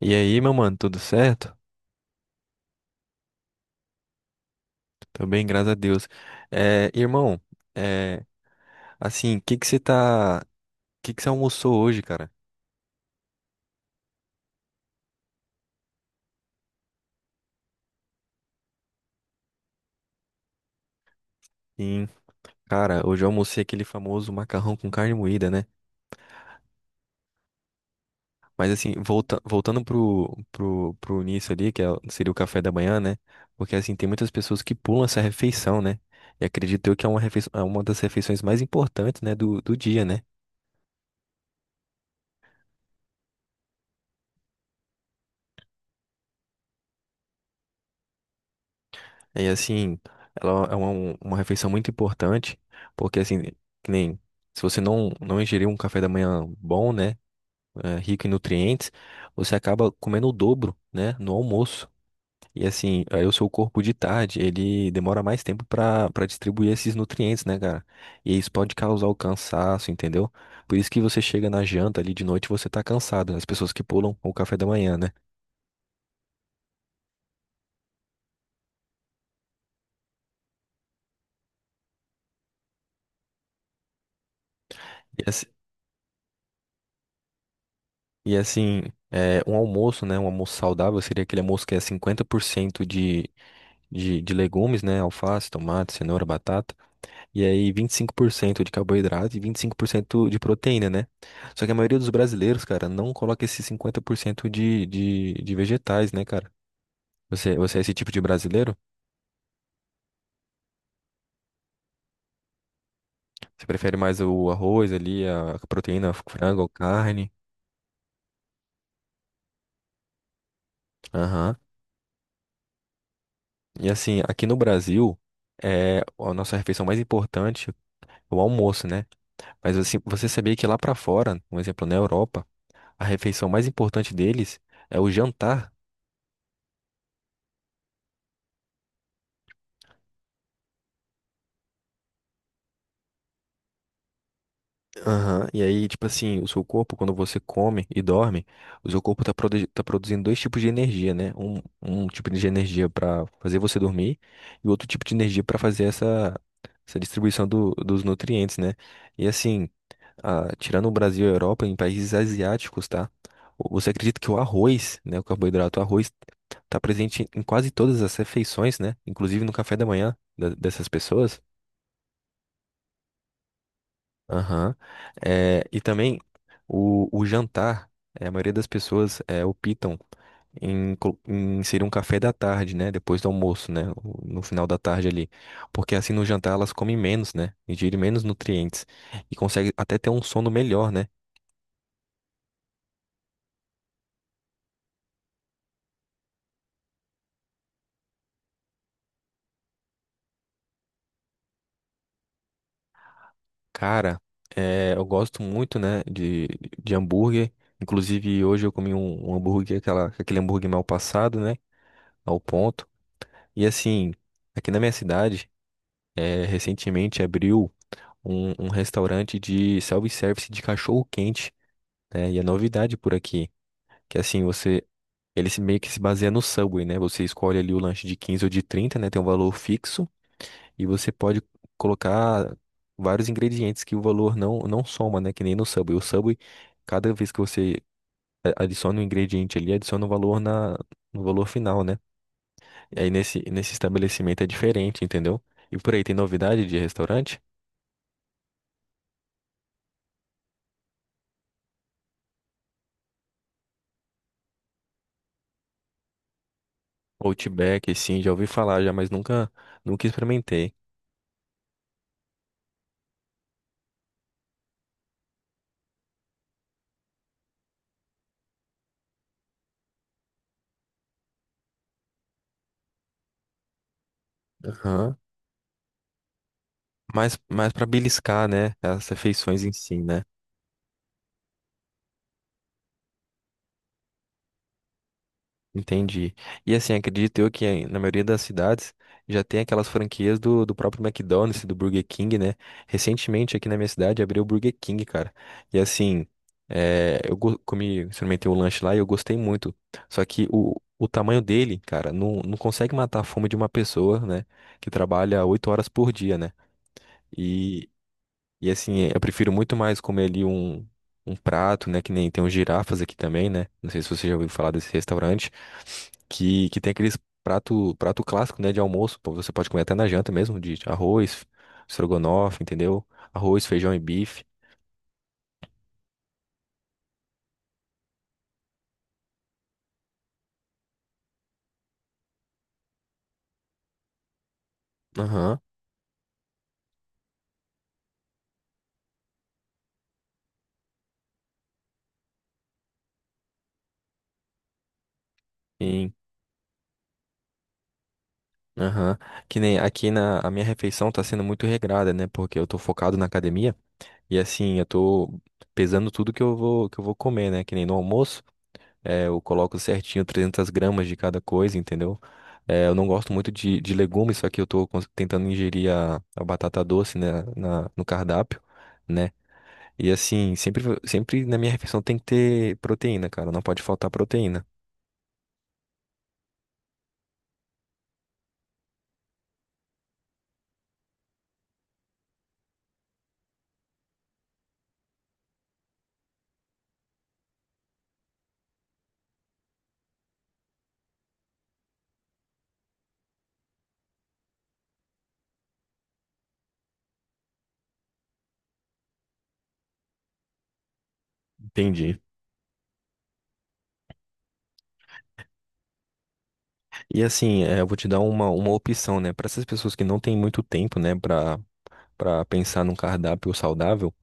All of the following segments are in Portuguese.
E aí, meu mano, tudo certo? Tô bem, graças a Deus. É, irmão, é, assim, o que que você tá, que você almoçou hoje, cara? Sim, cara, hoje eu almocei aquele famoso macarrão com carne moída, né? Mas assim, voltando pro início ali, que seria o café da manhã, né? Porque assim, tem muitas pessoas que pulam essa refeição, né? E acredito eu que é uma das refeições mais importantes, né, do dia, né? E assim, ela é uma refeição muito importante, porque assim, que nem se você não ingerir um café da manhã bom, né? Rico em nutrientes, você acaba comendo o dobro, né? No almoço. E assim, aí o seu corpo de tarde, ele demora mais tempo para distribuir esses nutrientes, né, cara? E isso pode causar o cansaço, entendeu? Por isso que você chega na janta ali de noite, e você tá cansado, né? As pessoas que pulam o café da manhã, né? E assim, um almoço, né? Um almoço saudável seria aquele almoço que é 50% de legumes, né? Alface, tomate, cenoura, batata. E aí 25% de carboidrato e 25% de proteína, né? Só que a maioria dos brasileiros, cara, não coloca esses 50% de vegetais, né, cara? Você é esse tipo de brasileiro? Você prefere mais o arroz ali, a proteína, frango, ou carne? Aham. E assim, aqui no Brasil, a nossa refeição mais importante é o almoço, né? Mas assim, você sabia que lá pra fora, um exemplo, na Europa, a refeição mais importante deles é o jantar. Aham. E aí, tipo assim, o seu corpo, quando você come e dorme, o seu corpo tá produzindo dois tipos de energia, né? Um tipo de energia pra fazer você dormir e outro tipo de energia pra fazer essa distribuição dos nutrientes, né? E assim, tirando o Brasil e a Europa, em países asiáticos, tá? Você acredita que o arroz, né, o carboidrato, o arroz, tá presente em quase todas as refeições, né? Inclusive no café da manhã dessas pessoas. Aham. É, e também o jantar, a maioria das pessoas optam em inserir um café da tarde, né? Depois do almoço, né? No final da tarde ali. Porque assim no jantar elas comem menos, né? Ingerem menos nutrientes e conseguem até ter um sono melhor, né? Cara, eu gosto muito, né, de hambúrguer. Inclusive, hoje eu comi um hambúrguer, aquele hambúrguer mal passado, né, ao ponto. E assim, aqui na minha cidade, recentemente abriu um restaurante de self-service de cachorro-quente, né, e é novidade por aqui. Que assim, você, ele se- meio que se baseia no Subway, né, você escolhe ali o lanche de 15 ou de trinta, né, tem um valor fixo. E você pode colocar vários ingredientes que o valor não soma, né? Que nem no Subway. O Subway, cada vez que você adiciona um ingrediente ali, adiciona um valor no valor final, né? E aí nesse estabelecimento é diferente, entendeu? E por aí, tem novidade de restaurante? Outback, sim, já ouvi falar já, mas nunca experimentei. Aham. Mas para beliscar, né? As refeições em si, né? Entendi. E assim, acredito eu que na maioria das cidades já tem aquelas franquias do próprio McDonald's, do Burger King, né? Recentemente aqui na minha cidade abriu o Burger King, cara. E assim, eu comi, experimentei o lanche lá e eu gostei muito. Só que o tamanho dele, cara, não consegue matar a fome de uma pessoa, né? Que trabalha 8 horas por dia, né? E assim, eu prefiro muito mais comer ali um prato, né? Que nem tem os girafas aqui também, né? Não sei se você já ouviu falar desse restaurante, que tem aqueles prato clássico, né? De almoço. Pô, você pode comer até na janta mesmo, de arroz, estrogonofe, entendeu? Arroz, feijão e bife. Aham, sim. Aham. Que nem aqui na a minha refeição tá sendo muito regrada, né? Porque eu tô focado na academia e assim, eu tô pesando tudo que eu vou comer, né? Que nem no almoço. É, eu coloco certinho 300 gramas de cada coisa, entendeu? Eu não gosto muito de legumes, só que eu tô tentando ingerir a batata doce, né, no cardápio, né? E assim, sempre na minha refeição tem que ter proteína, cara, não pode faltar proteína. Entendi. E assim, eu vou te dar uma opção, né, para essas pessoas que não têm muito tempo, né, para pensar num cardápio saudável,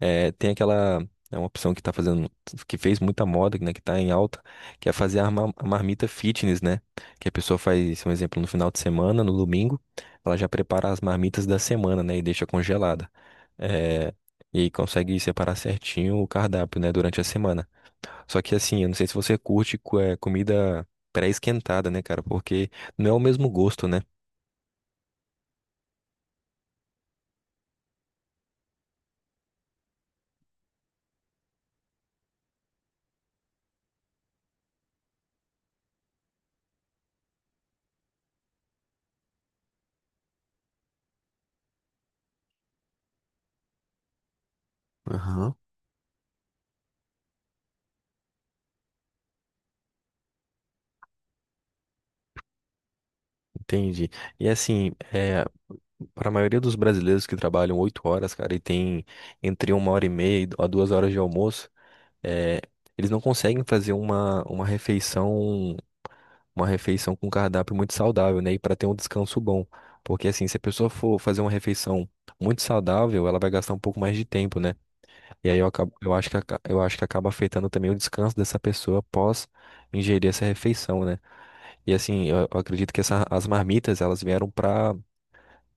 tem aquela é uma opção que tá fazendo que fez muita moda, né, que tá em alta, que é fazer a marmita fitness, né? Que a pessoa faz, um exemplo, no final de semana, no domingo, ela já prepara as marmitas da semana, né, e deixa congelada. É, e aí consegue separar certinho o cardápio, né, durante a semana. Só que assim, eu não sei se você curte comida pré-esquentada, né, cara? Porque não é o mesmo gosto, né? Aham. Entendi. E assim, para a maioria dos brasileiros que trabalham 8 horas, cara, e tem entre uma hora e meia e a 2 horas de almoço, é, eles não conseguem fazer uma refeição com cardápio muito saudável, né? E para ter um descanso bom. Porque assim, se a pessoa for fazer uma refeição muito saudável, ela vai gastar um pouco mais de tempo, né? E aí eu acho que acaba afetando também o descanso dessa pessoa após ingerir essa refeição, né? E assim, eu acredito que as marmitas, elas vieram para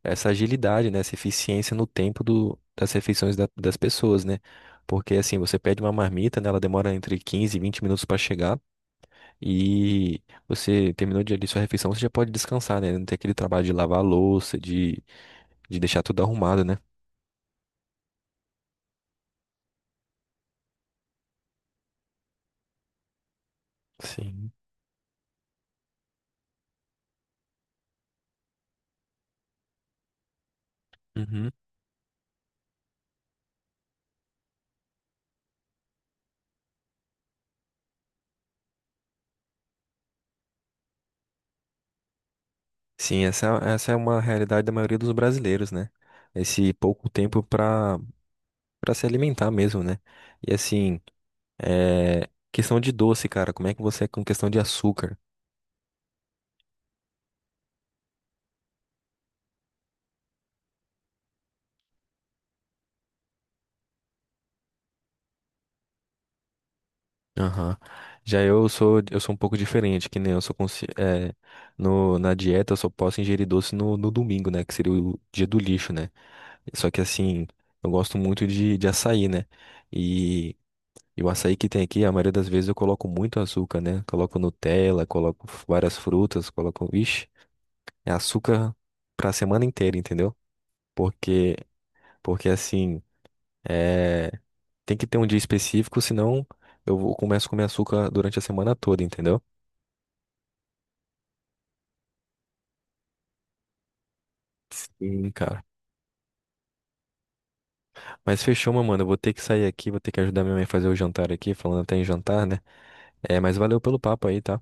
essa agilidade, né? Essa eficiência no tempo das refeições das pessoas, né? Porque assim, você pede uma marmita, né? Ela demora entre 15 e 20 minutos para chegar e você terminou de ali sua refeição, você já pode descansar, né? Não tem aquele trabalho de lavar a louça, de deixar tudo arrumado, né? Sim. Uhum. Sim, essa é uma realidade da maioria dos brasileiros, né? Esse pouco tempo para se alimentar mesmo, né? E assim, questão de doce, cara, como é que você é com questão de açúcar? Aham. Já eu sou um pouco diferente, que nem eu sou consci... é, no, na dieta eu só posso ingerir doce no domingo, né? Que seria o dia do lixo, né? Só que assim, eu gosto muito de açaí, né? E, e o açaí que tem aqui, a maioria das vezes eu coloco muito açúcar, né? Coloco Nutella, coloco várias frutas, coloco. Ixi, é açúcar pra semana inteira, entendeu? Porque, porque assim, é, tem que ter um dia específico, senão começo a comer açúcar durante a semana toda, entendeu? Sim, cara. Mas fechou, meu mano. Eu vou ter que sair aqui, vou ter que ajudar minha mãe a fazer o jantar aqui, falando até em jantar, né? É, mas valeu pelo papo aí, tá?